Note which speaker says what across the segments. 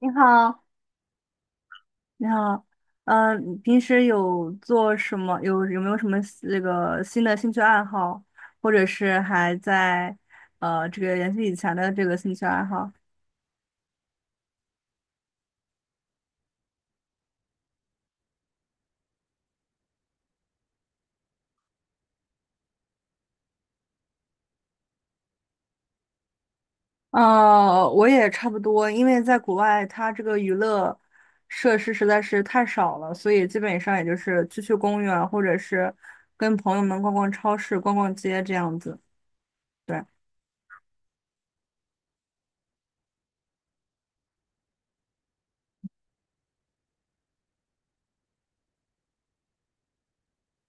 Speaker 1: 你好，你好，你平时有做什么？有没有什么那个新的兴趣爱好，或者是还在这个延续以前的这个兴趣爱好？我也差不多，因为在国外，它这个娱乐设施实在是太少了，所以基本上也就是去去公园，或者是跟朋友们逛逛超市、逛逛街这样子。对，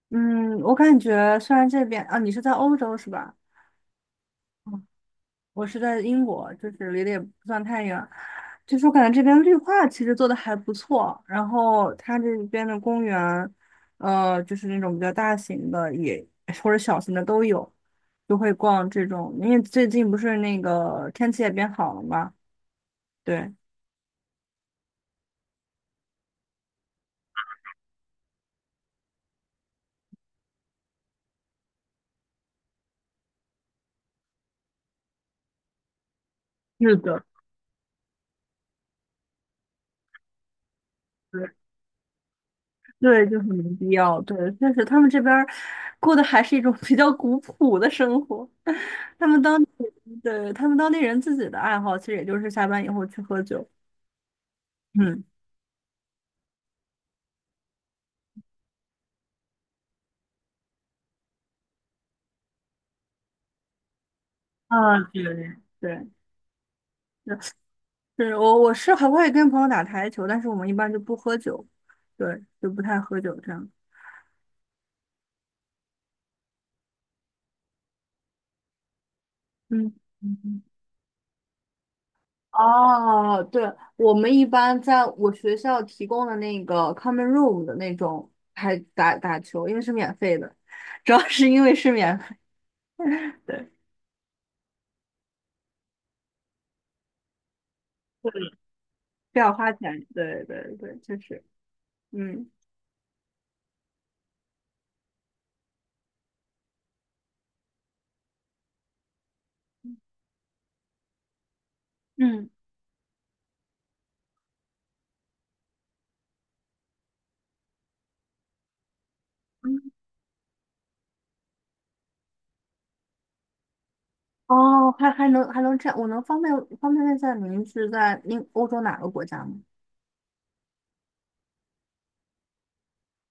Speaker 1: 嗯，我感觉虽然这边啊，你是在欧洲是吧？我是在英国，就是离得也不算太远。就是我感觉这边绿化其实做的还不错，然后它这边的公园，就是那种比较大型的也或者小型的都有，就会逛这种。因为最近不是那个天气也变好了嘛，对，是的，对，对，就很没必要。对，但是他们这边儿过的还是一种比较古朴的生活。他们当地，对，他们当地人自己的爱好，其实也就是下班以后去喝酒。嗯。啊，对对，是是，我是还会跟朋友打台球，但是我们一般就不喝酒，对，就不太喝酒这样。嗯嗯嗯。哦，对，我们一般在我学校提供的那个 common room 的那种还打打球，因为是免费的，主要是因为是免费，对，对，不要花钱，对对对，就是，嗯嗯。嗯哦，还能这样，我能方便问一下您是在那欧洲哪个国家吗？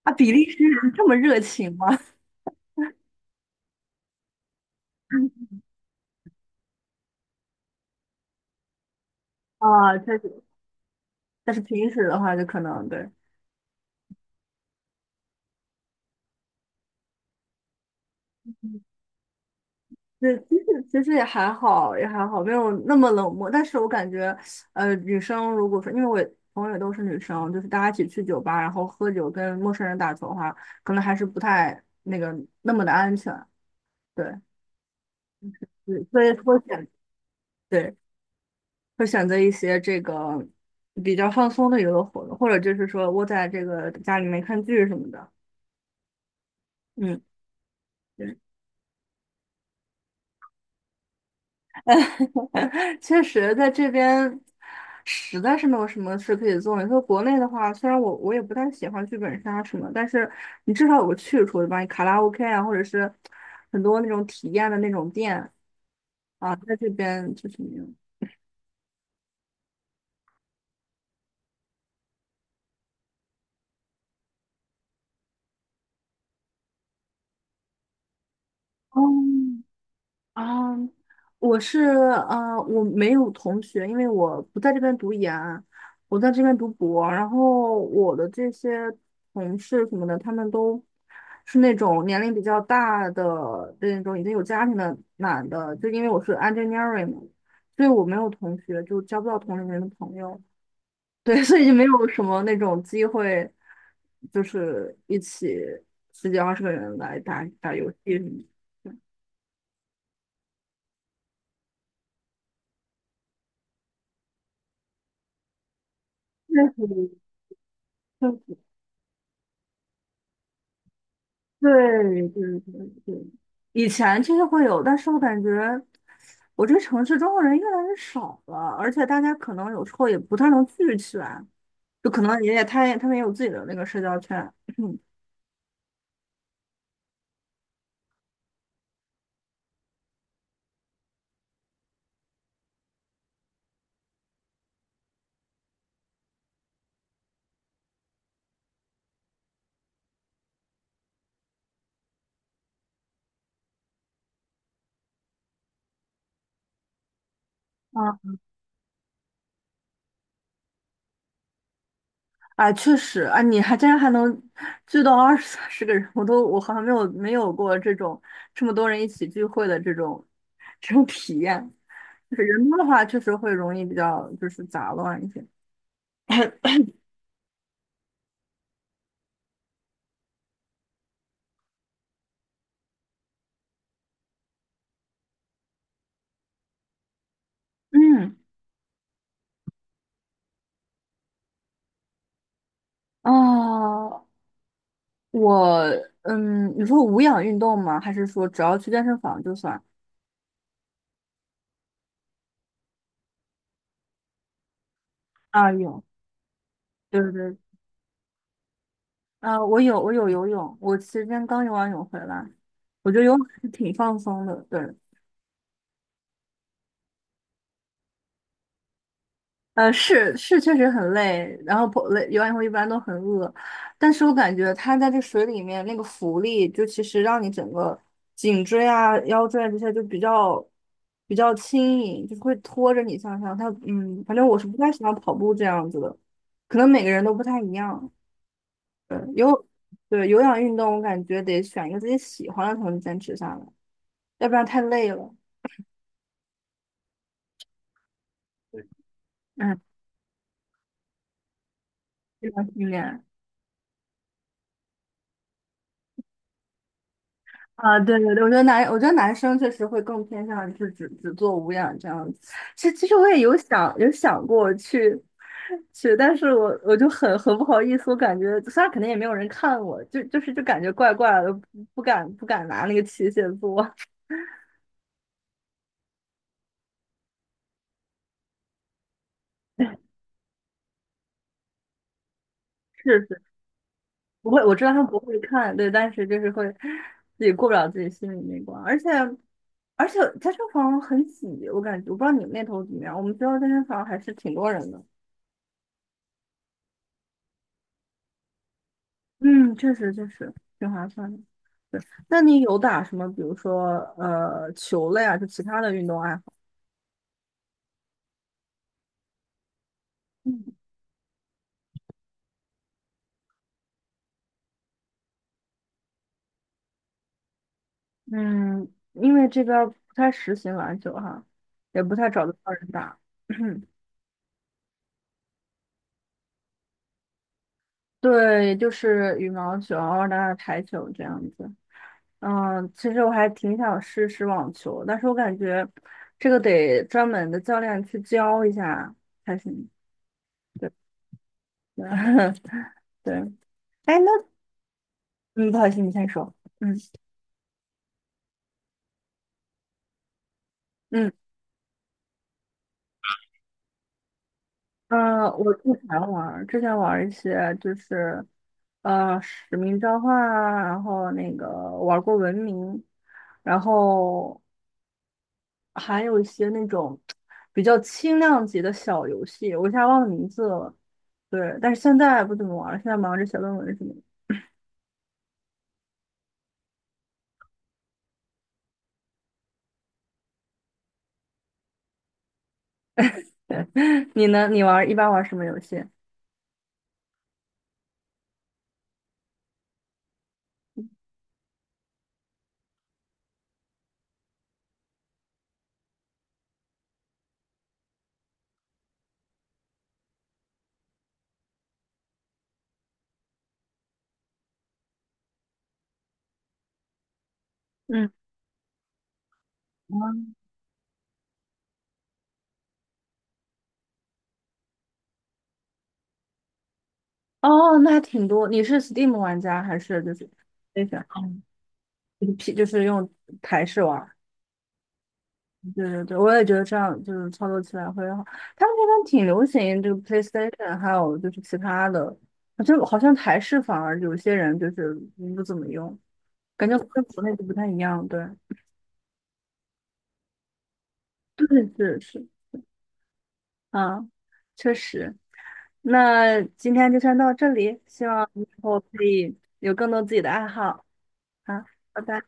Speaker 1: 啊，比利时人这么热情吗？啊，确实，但是平时的话就可能对，对，其实也还好，也还好，没有那么冷漠。但是我感觉，女生如果说，因为我朋友也都是女生，就是大家一起去酒吧，然后喝酒跟陌生人打球的话，可能还是不太那个那么的安全。对，对，所以会选，对，会选择一些这个比较放松的娱乐活动，或者就是说窝在这个家里面看剧什么的。嗯。确实，在这边实在是没有什么事可以做，你说国内的话，虽然我也不太喜欢剧本杀什么，但是你至少有个去处，对吧？你卡拉 OK 啊，或者是很多那种体验的那种店啊，在这边就是没有。哦，啊，我没有同学，因为我不在这边读研，我在这边读博。然后我的这些同事什么的，他们都是那种年龄比较大的那种已经有家庭的男的，就因为我是 engineering 嘛，所以我没有同学，就交不到同龄人的朋友。对，所以就没有什么那种机会，就是一起十几二十个人来打打游戏什么的。确实，确实对对对对，以前其实会有，但是我感觉我这个城市中国人越来越少了，而且大家可能有时候也不太能聚起来，就可能也也他也他们也有自己的那个社交圈。嗯，啊，哎，确实，啊，你竟然还能聚到二十三十个人，我好像没有过这种这么多人一起聚会的这种体验。就是人多的话，确实会容易比较就是杂乱一些。嗯。哦，我你说无氧运动吗？还是说只要去健身房就算？啊，有，对对对，啊，我有游泳，我其实今天刚游完泳回来，我觉得游泳还是挺放松的。对，是是，确实很累，然后跑累游完以后一般都很饿，但是我感觉它在这水里面那个浮力，就其实让你整个颈椎啊、腰椎啊这些就比较轻盈，就是会拖着你向上。反正我是不太喜欢跑步这样子的，可能每个人都不太一样。对，对有氧运动，我感觉得选一个自己喜欢的才能坚持下来，要不然太累了。嗯，这种训练。啊，对对对，我觉得男生确实会更偏向于是只做无氧这样子。其实我也有想过去，但是我就很不好意思，我感觉虽然肯定也没有人看我，就感觉怪怪的，不敢拿那个器械做。是是，不会，我知道他们不会看，对，但是就是会自己过不了自己心里那关，而且健身房很挤，我感觉我不知道你们那头怎么样，我们学校健身房还是挺多人的。嗯，确实确实挺划算的。那你有打什么，比如说球类啊，就其他的运动爱好？嗯，嗯，因为这边儿不太实行篮球哈，也不太找得到人打。对，就是羽毛球，然后打打台球这样子。嗯，其实我还挺想试试网球，但是我感觉这个得专门的教练去教一下才行。对，对，哎，那嗯，不好意思，你先说。嗯嗯。嗯，我之前玩儿一些就是，使命召唤啊，然后那个玩儿过文明，然后还有一些那种比较轻量级的小游戏，我一下忘了名字了。对，但是现在不怎么玩儿了，现在忙着写论文什么的。对，你呢？你一般玩儿什么游戏？嗯，嗯哦，那还挺多。你是 Steam 玩家还是就是那个就是 P 就是用台式玩？对对对，我也觉得这样就是操作起来会好。他们那边挺流行这个 PlayStation,还有就是其他的，就好像台式反而有些人就是不怎么用，感觉跟国内就不太一样。对，对，是是啊，确实。那今天就先到这里，希望你以后可以有更多自己的爱好。好，拜拜。